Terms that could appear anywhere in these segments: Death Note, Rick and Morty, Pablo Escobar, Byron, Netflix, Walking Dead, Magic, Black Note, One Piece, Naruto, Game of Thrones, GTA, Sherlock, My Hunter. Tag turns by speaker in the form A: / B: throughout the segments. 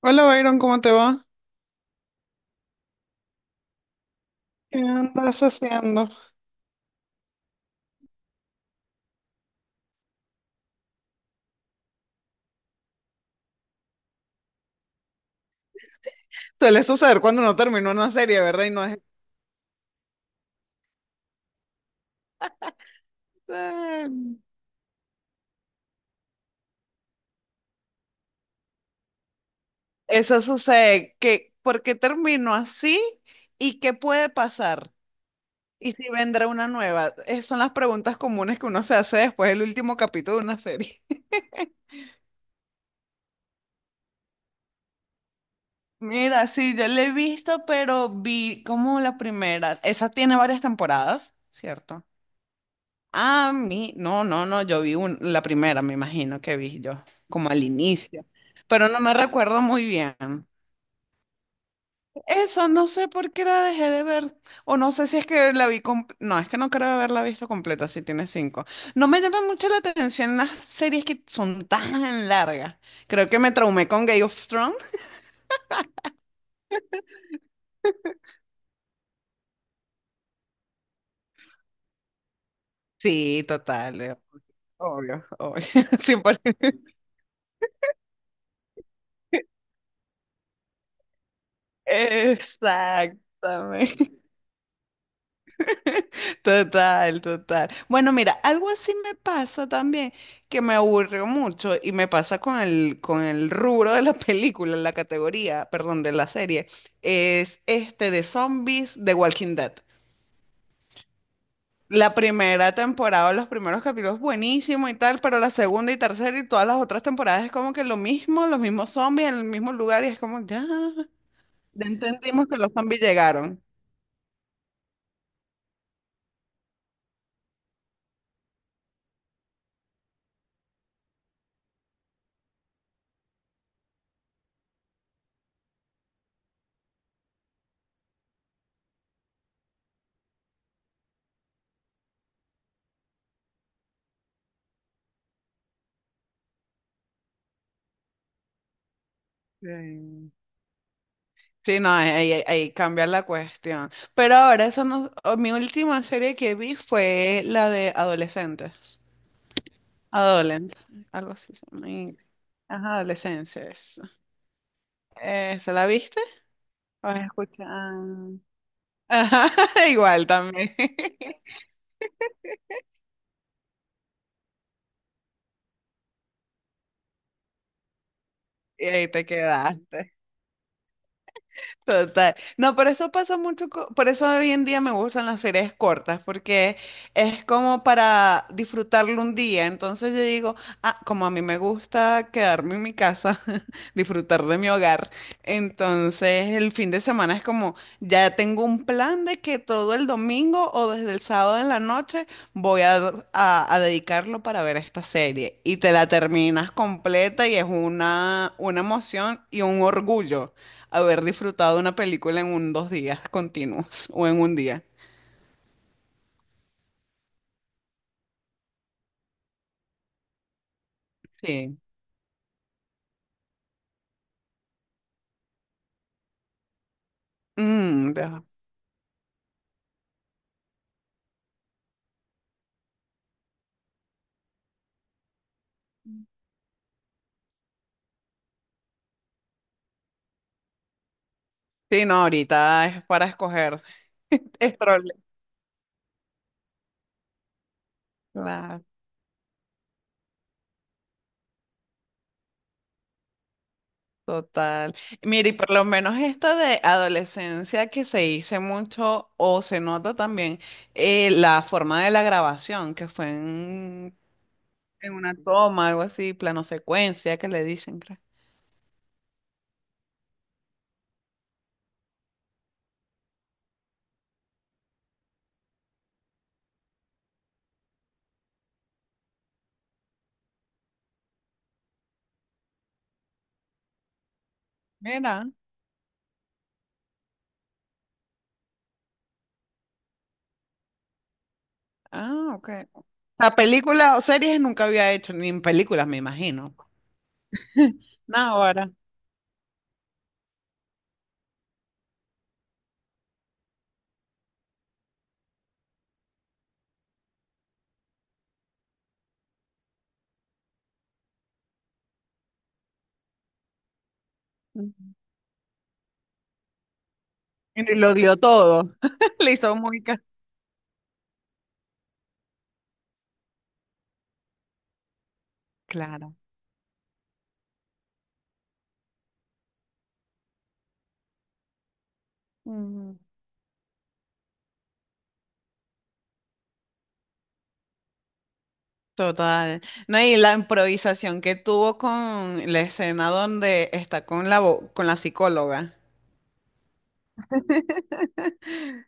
A: Hola Byron, ¿cómo te va? ¿Qué andas haciendo? Suele suceder cuando uno termina una serie, ¿verdad? Y no es... "Ah". Eso sucede, que ¿por qué termino así? ¿Y qué puede pasar? ¿Y si vendrá una nueva? Esas son las preguntas comunes que uno se hace después del último capítulo de una serie. Mira, sí, yo la he visto, pero vi como la primera. Esa tiene varias temporadas, ¿cierto? A mí, no, no, no, yo vi la primera, me imagino que vi yo, como al inicio, pero no me recuerdo muy bien. Eso, no sé por qué la dejé de ver, o no sé si es que la vi, no, es que no creo haberla visto completa, si tiene cinco. No me llama mucho la atención las series que son tan largas. Creo que me traumé con Game of Thrones. Sí, total, obvio, obvio. Sí, Exactamente. Total, total. Bueno, mira, algo así me pasa también, que me aburrió mucho y me pasa con con el rubro de la película, la categoría, perdón, de la serie, es este de zombies de Walking Dead. La primera temporada, los primeros capítulos buenísimo y tal, pero la segunda y tercera y todas las otras temporadas es como que lo mismo, los mismos zombies en el mismo lugar y es como, ya, ya entendimos que los zombies llegaron. Sí. Sí, no, ahí cambia la cuestión. Pero ahora, esa no, o mi última serie que vi fue la de adolescentes. Adolescentes, algo así se llama en inglés. Ajá, adolescencias. ¿Se la viste? ¿O escuchan? Ajá, igual también. Y ahí te quedaste. Total. No, por eso pasa mucho, por eso hoy en día me gustan las series cortas, porque es como para disfrutarlo un día. Entonces yo digo, ah, como a mí me gusta quedarme en mi casa, disfrutar de mi hogar, entonces el fin de semana es como, ya tengo un plan de que todo el domingo o desde el sábado en la noche voy a, a dedicarlo para ver esta serie. Y te la terminas completa y es una emoción y un orgullo haber disfrutado una película en un dos días continuos o en un día. Sí. Mm, deja- sí, no, ahorita es para escoger. Es problema. Claro, total. Mire, y por lo menos esta de adolescencia que se hizo mucho o se nota también la forma de la grabación, que fue en una toma, algo así, plano secuencia, que le dicen, creo. Mira, ah, ok. La película o series nunca había hecho, ni en películas, me imagino. No, ahora. mm, Y lo dio todo. Le hizo muy claro. Mm, total. No, y la improvisación que tuvo con la escena donde está con la con la psicóloga.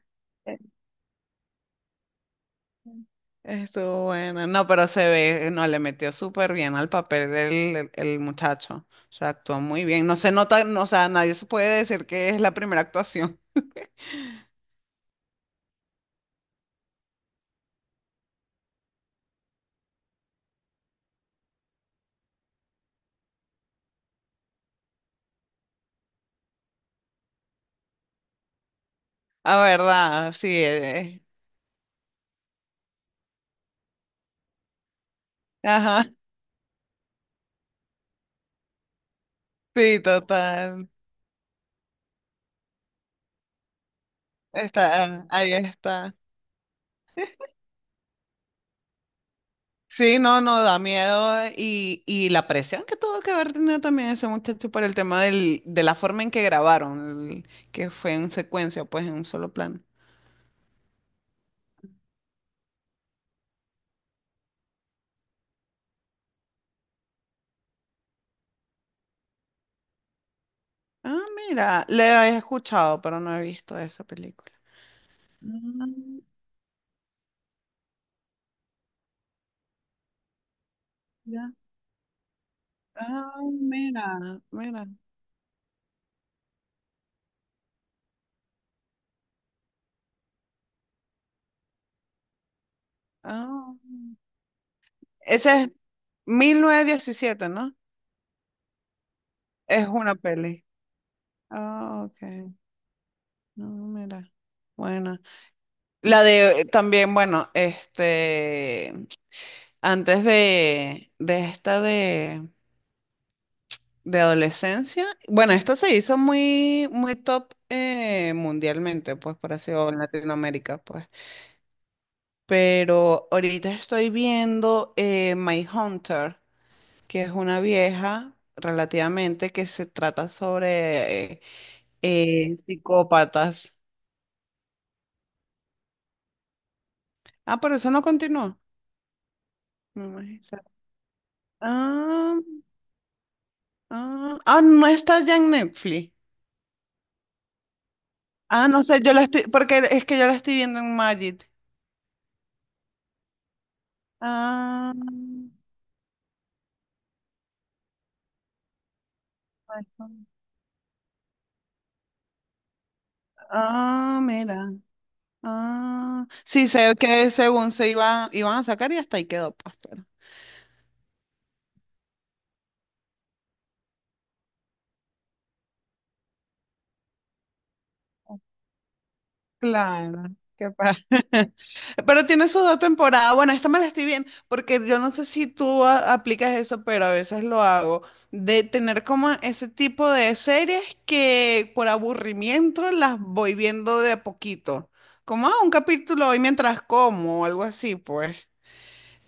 A: Estuvo buena. No, pero se ve, no, le metió súper bien al papel el muchacho. O sea, actuó muy bien. No se nota, no, o sea, nadie se puede decir que es la primera actuación. La verdad, sí. Ajá, sí, total. Está, ahí está. Sí, no, no, da miedo y la presión que tuvo que haber tenido también ese muchacho por el tema de la forma en que grabaron, que fue en secuencia, pues en un solo plano. Ah, mira, le he escuchado, pero no he visto esa película. Ah, ya. Ah, mira, mira. Ah. Ese es 1917, ¿no? Es una peli. Ah, ok. No, mira. Bueno. La de también, bueno, este, antes de esta de adolescencia, bueno, esta se hizo muy, muy top mundialmente, pues por así o en Latinoamérica, pues. Pero ahorita estoy viendo My Hunter, que es una vieja relativamente que se trata sobre psicópatas. Ah, pero eso no continuó. Me imagino. Ah. Ah, ah, no está ya en Netflix. Ah, no sé, yo la estoy, porque es que yo la estoy viendo en Magic. Ah, iPhone. Ah, mira. Ah, sí, sé que según se iba, iban a sacar y hasta ahí quedó, pues. Claro, qué padre. Pero tiene su dos temporadas. Bueno, esta me la estoy viendo, porque yo no sé si tú aplicas eso, pero a veces lo hago, de tener como ese tipo de series que por aburrimiento las voy viendo de a poquito. Como ah, un capítulo hoy mientras como o algo así, pues.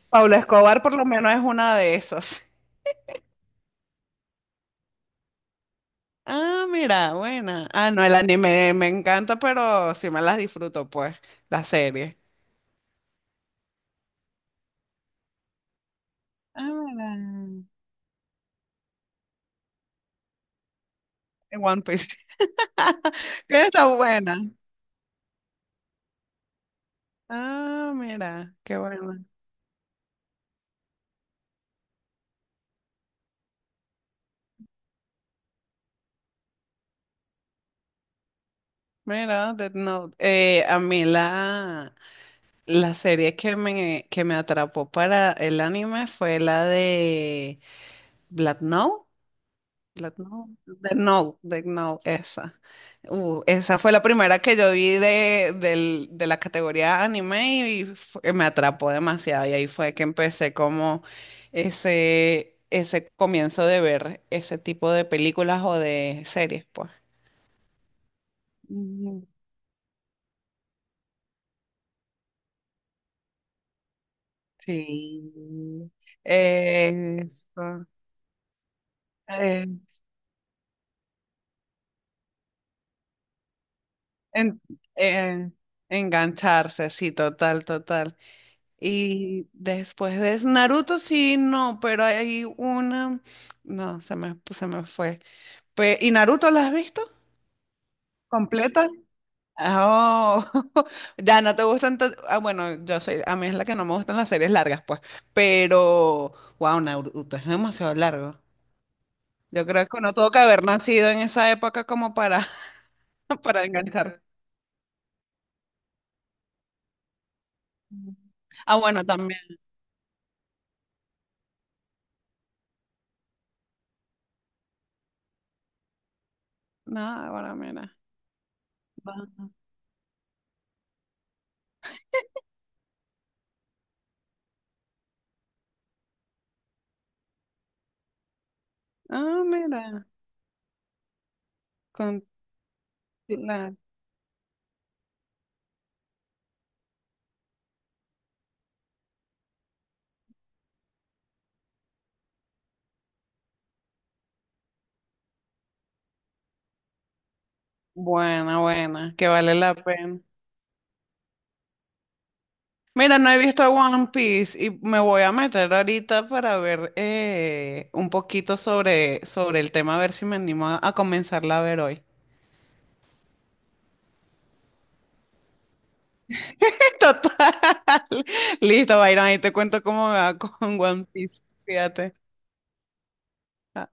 A: Pablo Escobar por lo menos es una de esas. Ah, mira, buena. Ah, no, el anime me encanta, pero sí me las disfruto, pues, la serie. Ah, mira. En One Piece. Que está buena. Ah, mira, qué buena. Mira, Death Note. A mí la, la serie que me atrapó para el anime fue la de Black Note. Black No, de No, de No, esa. Esa fue la primera que yo vi de la categoría anime y me atrapó demasiado. Y ahí fue que empecé como ese comienzo de ver ese tipo de películas o de series, pues. Mm, Sí. Eso. Eh, en- eh, engancharse, sí, total, total. Y después de Naruto, sí, no, pero hay una. No, se me, pues, se me fue. ¿Y Naruto la has visto? ¿Completa? Oh, ya no te gustan. Ah, bueno, yo soy. A mí es la que no me gustan las series largas, pues. Pero, wow, Naruto es demasiado largo. Yo creo que uno tuvo que haber nacido en esa época como para, para engancharse. Ujú. Ah, bueno, también. No, bueno, mira. Va. Ah, mira. Con, buena, buena, que vale la pena. Mira, no he visto One Piece y me voy a meter ahorita para ver un poquito sobre, sobre el tema, a ver si me animo a comenzarla a ver hoy. Total. Listo, Byron, ahí te cuento cómo me va con One Piece. Fíjate.